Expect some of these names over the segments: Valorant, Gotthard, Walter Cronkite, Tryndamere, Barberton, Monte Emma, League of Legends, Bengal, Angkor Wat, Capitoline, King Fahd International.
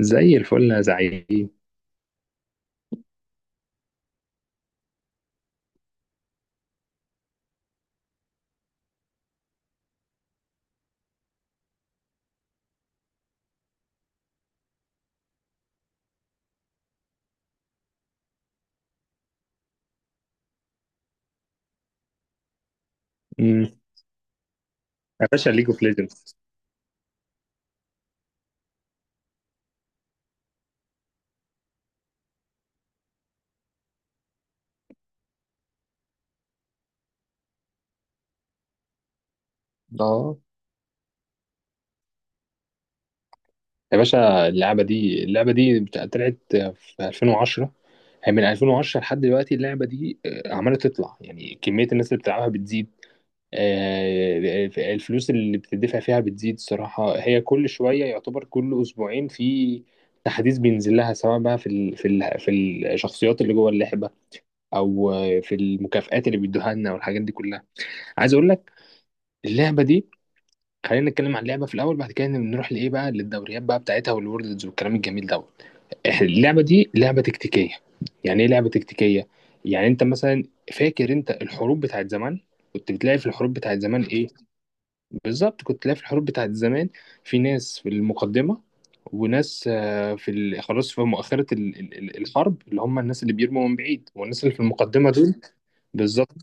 زي الفل يا زعيم. مم. يا باشا ليج اوف ليجندز. اه، يا باشا اللعبة دي طلعت في 2010. هي من 2010 لحد دلوقتي، اللعبة دي عمالة تطلع. يعني كمية الناس اللي بتلعبها بتزيد، الفلوس اللي بتدفع فيها بتزيد. الصراحة هي كل شوية، يعتبر كل أسبوعين في تحديث بينزل لها، سواء بقى في الشخصيات اللي جوه اللعبة، أو في المكافآت اللي بيدوها لنا والحاجات دي كلها. عايز أقول لك اللعبة دي، خلينا نتكلم عن اللعبة في الأول، بعد كده نروح لإيه بقى، للدوريات بقى بتاعتها والوردز والكلام الجميل ده. إحنا اللعبة دي لعبة تكتيكية. يعني ايه لعبة تكتيكية؟ يعني انت مثلا فاكر انت الحروب بتاعت زمان؟ كنت بتلاقي في الحروب بتاعت زمان ايه؟ بالظبط، كنت تلاقي في الحروب بتاعت زمان في ناس في المقدمة، وناس خلاص، في مؤخرة الحرب، اللي هم الناس اللي بيرموا من بعيد، والناس اللي في المقدمة دول بالظبط،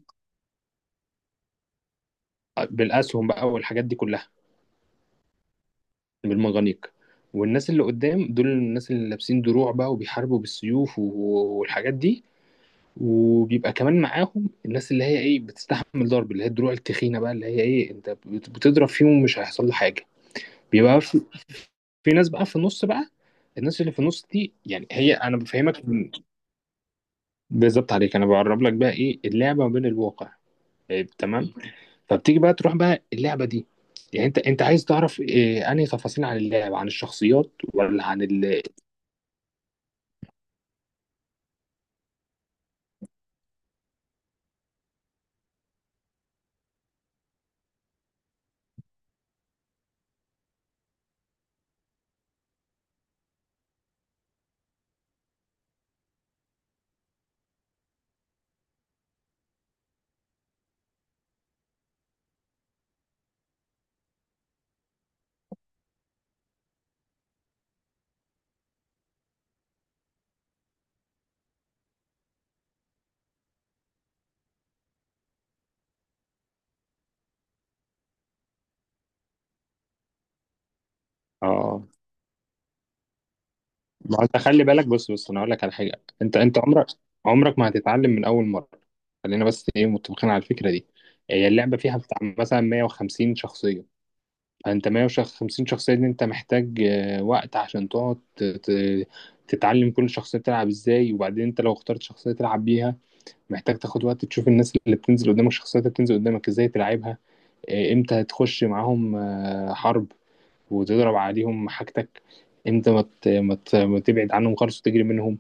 بالأسهم بقى والحاجات دي كلها، بالمغانيق. والناس اللي قدام دول الناس اللي لابسين دروع بقى وبيحاربوا بالسيوف والحاجات دي. وبيبقى كمان معاهم الناس اللي هي ايه بتستحمل ضرب، اللي هي الدروع التخينه بقى، اللي هي ايه انت بتضرب فيهم مش هيحصل له حاجه. بيبقى في ناس بقى في النص بقى. الناس اللي في النص دي، يعني هي انا بالظبط، عليك انا بعرب لك بقى ايه اللعبه ما بين الواقع. إيه تمام. فبتيجي بقى تروح بقى اللعبه دي، يعني انت عايز تعرف إيه، انهي تفاصيل عن اللعبه، عن الشخصيات، ولا عن ال. اه، ما انت خلي بالك، بص بص، انا اقول لك على حاجه. انت عمرك، عمرك ما هتتعلم من اول مره. خلينا بس ايه متفقين على الفكره دي. هي اللعبه فيها بتاع مثلا 150 شخصيه. فانت 150 شخصيه دي انت محتاج وقت عشان تقعد تتعلم كل شخصيه تلعب ازاي. وبعدين انت لو اخترت شخصيه تلعب بيها محتاج تاخد وقت تشوف الناس اللي بتنزل قدامك، الشخصيات اللي بتنزل قدامك ازاي تلعبها، امتى هتخش معاهم حرب، وتضرب عليهم حاجتك، انت ما تبعد عنهم خالص وتجري منهم.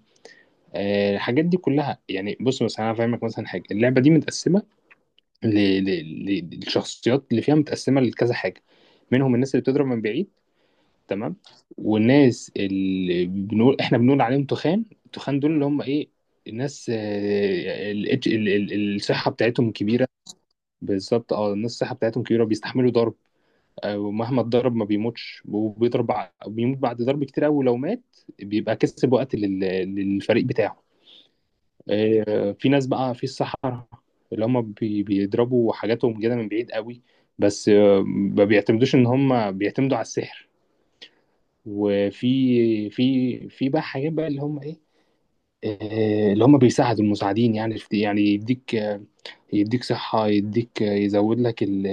الحاجات دي كلها يعني. بص مثلا انا فاهمك، مثلا حاجه، اللعبه دي متقسمه ل... للشخصيات اللي فيها، متقسمه لكذا حاجه. منهم الناس اللي بتضرب من بعيد. تمام. والناس اللي بنقول احنا بنقول عليهم تخان، التخان دول اللي هم ايه، الناس الصحه بتاعتهم كبيره. بالظبط، اه، الناس الصحه بتاعتهم كبيره، بيستحملوا ضرب. ومهما اتضرب ما بيموتش، وبيضرب بيموت بعد ضرب كتير قوي. لو مات، بيبقى كسب وقت للفريق بتاعه. في ناس بقى في الصحراء، اللي هم بيضربوا حاجاتهم كده من بعيد قوي. بس ما بيعتمدوش، ان هم بيعتمدوا على السحر. وفي في في بقى حاجات بقى، اللي هم ايه، اللي هم بيساعدوا المساعدين يعني، يعني يديك، يديك صحة، يديك يزود لك ال-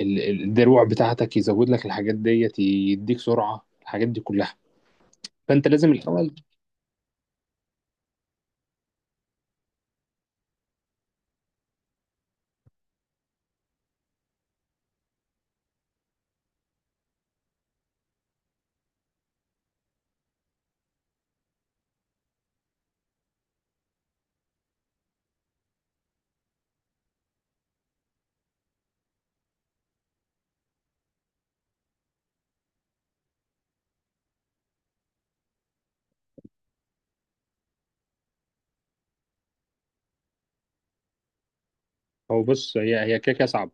ال- الدروع بتاعتك، يزود لك الحاجات ديت، يديك سرعة، الحاجات دي كلها. فأنت لازم الأول. هو بص، هي كده كده صعبة.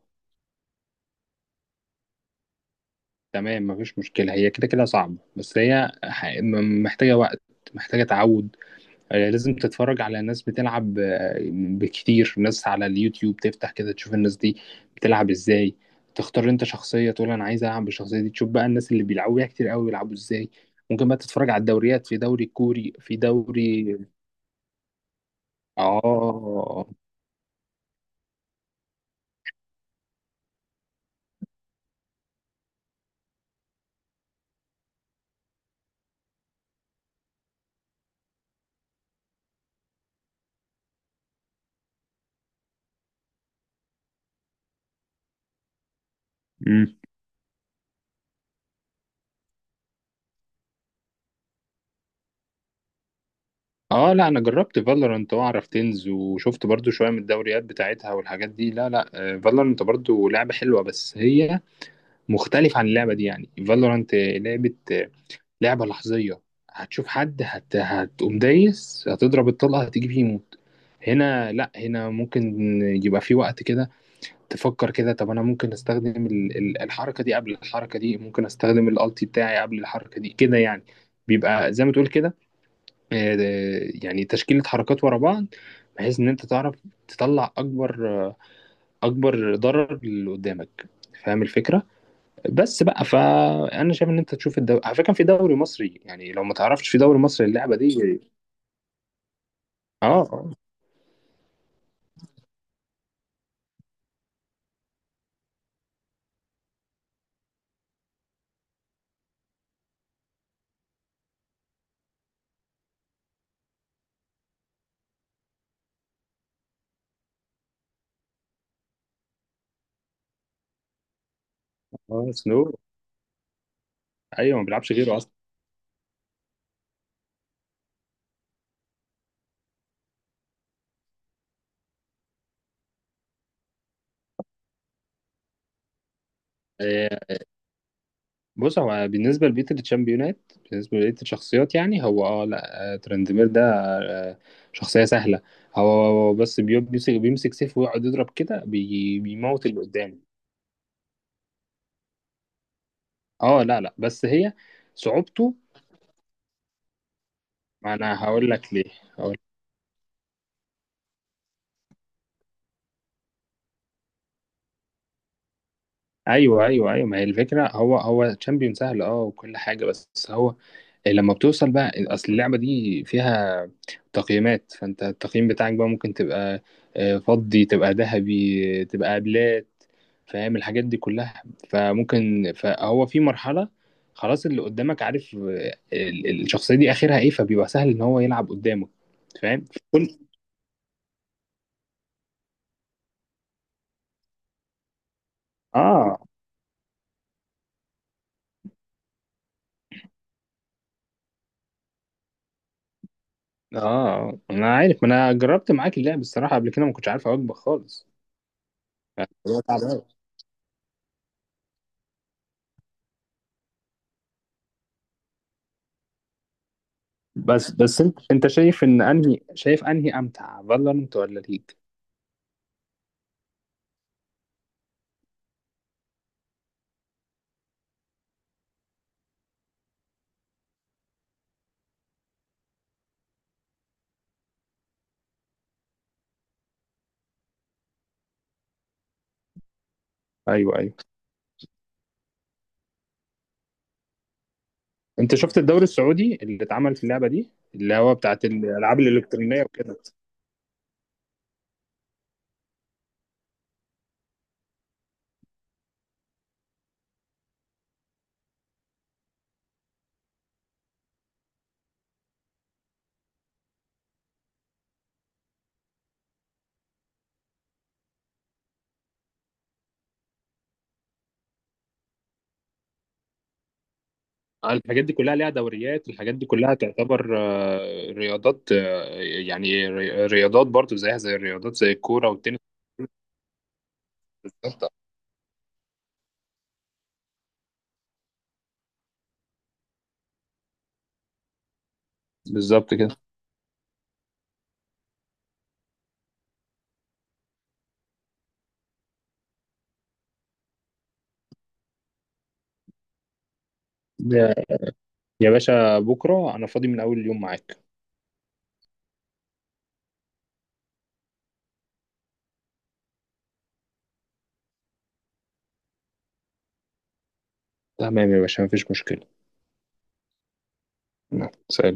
تمام، مفيش مشكلة. هي كده كده صعبة بس هي محتاجة وقت، محتاجة تعود. لازم تتفرج على ناس بتلعب، بكتير ناس على اليوتيوب، تفتح كده تشوف الناس دي بتلعب ازاي. تختار انت شخصية، تقول انا عايز العب بالشخصية دي، تشوف بقى الناس اللي بيلعبوا بيها كتير قوي بيلعبوا ازاي. ممكن بقى تتفرج على الدوريات، في دوري كوري، في دوري. اه. امم. اه، لا، انا جربت فالورانت واعرف تنز، وشفت برضو شوية من الدوريات بتاعتها والحاجات دي. لا لا، فالورانت برضو لعبة حلوة، بس هي مختلفة عن اللعبة دي. يعني فالورانت لعبة لحظية. هتشوف حد هتقوم دايس، هتضرب الطلقة، هتيجي فيه يموت. هنا لا، هنا ممكن يبقى في وقت كده تفكر كده. طب انا ممكن استخدم الحركة دي قبل الحركة دي، ممكن استخدم الالتي بتاعي قبل الحركة دي كده، يعني بيبقى زي ما تقول كده، آه، يعني تشكيلة حركات ورا بعض، بحيث ان انت تعرف تطلع اكبر، اكبر ضرر اللي قدامك. فاهم الفكرة؟ بس بقى، فانا شايف ان انت تشوف الدوري. على فكره، كان في دوري مصري يعني، لو ما تعرفش، في دوري مصري اللعبه دي. اه اه اه. سنو؟ ايوه، ما بيلعبش غيره اصلا. آه، بص، هو بالنسبه لبيت الشامبيونات، بالنسبه لبيت الشخصيات، يعني هو لا، ترندمير ده آه، شخصيه سهله. هو بس بيمسك سيف ويقعد يضرب كده، بيموت اللي قدامه. اه، لا لا، بس هي صعوبته، ما انا هقول لك ليه. ايوه ايوه ايوه، ما هي الفكره. هو تشامبيون سهل اه وكل حاجه، بس هو لما بتوصل بقى، اصل اللعبه دي فيها تقييمات، فانت التقييم بتاعك بقى ممكن تبقى فضي، تبقى ذهبي، تبقى ابلات. فاهم الحاجات دي كلها. فممكن، فهو في مرحله خلاص، اللي قدامك عارف الشخصيه دي اخرها ايه، فبيبقى سهل ان هو يلعب قدامه. فاهم؟ كل. اه اه، انا عارف، ما انا جربت معاك اللعب الصراحه قبل كده، ما كنتش عارف اوجبك خالص. يعني هو تعبان. بس انت شايف انهي امتع، فالورنت ولا ليج؟ ايوه ايوه. انت شفت الدوري السعودي اللي اتعمل في اللعبه دي، اللي هو بتاعت الالعاب الالكترونيه وكده. الحاجات دي كلها ليها دوريات، الحاجات دي كلها تعتبر رياضات، يعني رياضات برضو، زيها زي الرياضات، زي الكوره والتنس. بالظبط. بالظبط كده. يا يا باشا، بكره انا فاضي من اول اليوم معاك. تمام يا باشا، مفيش مشكله. نعم، سلام.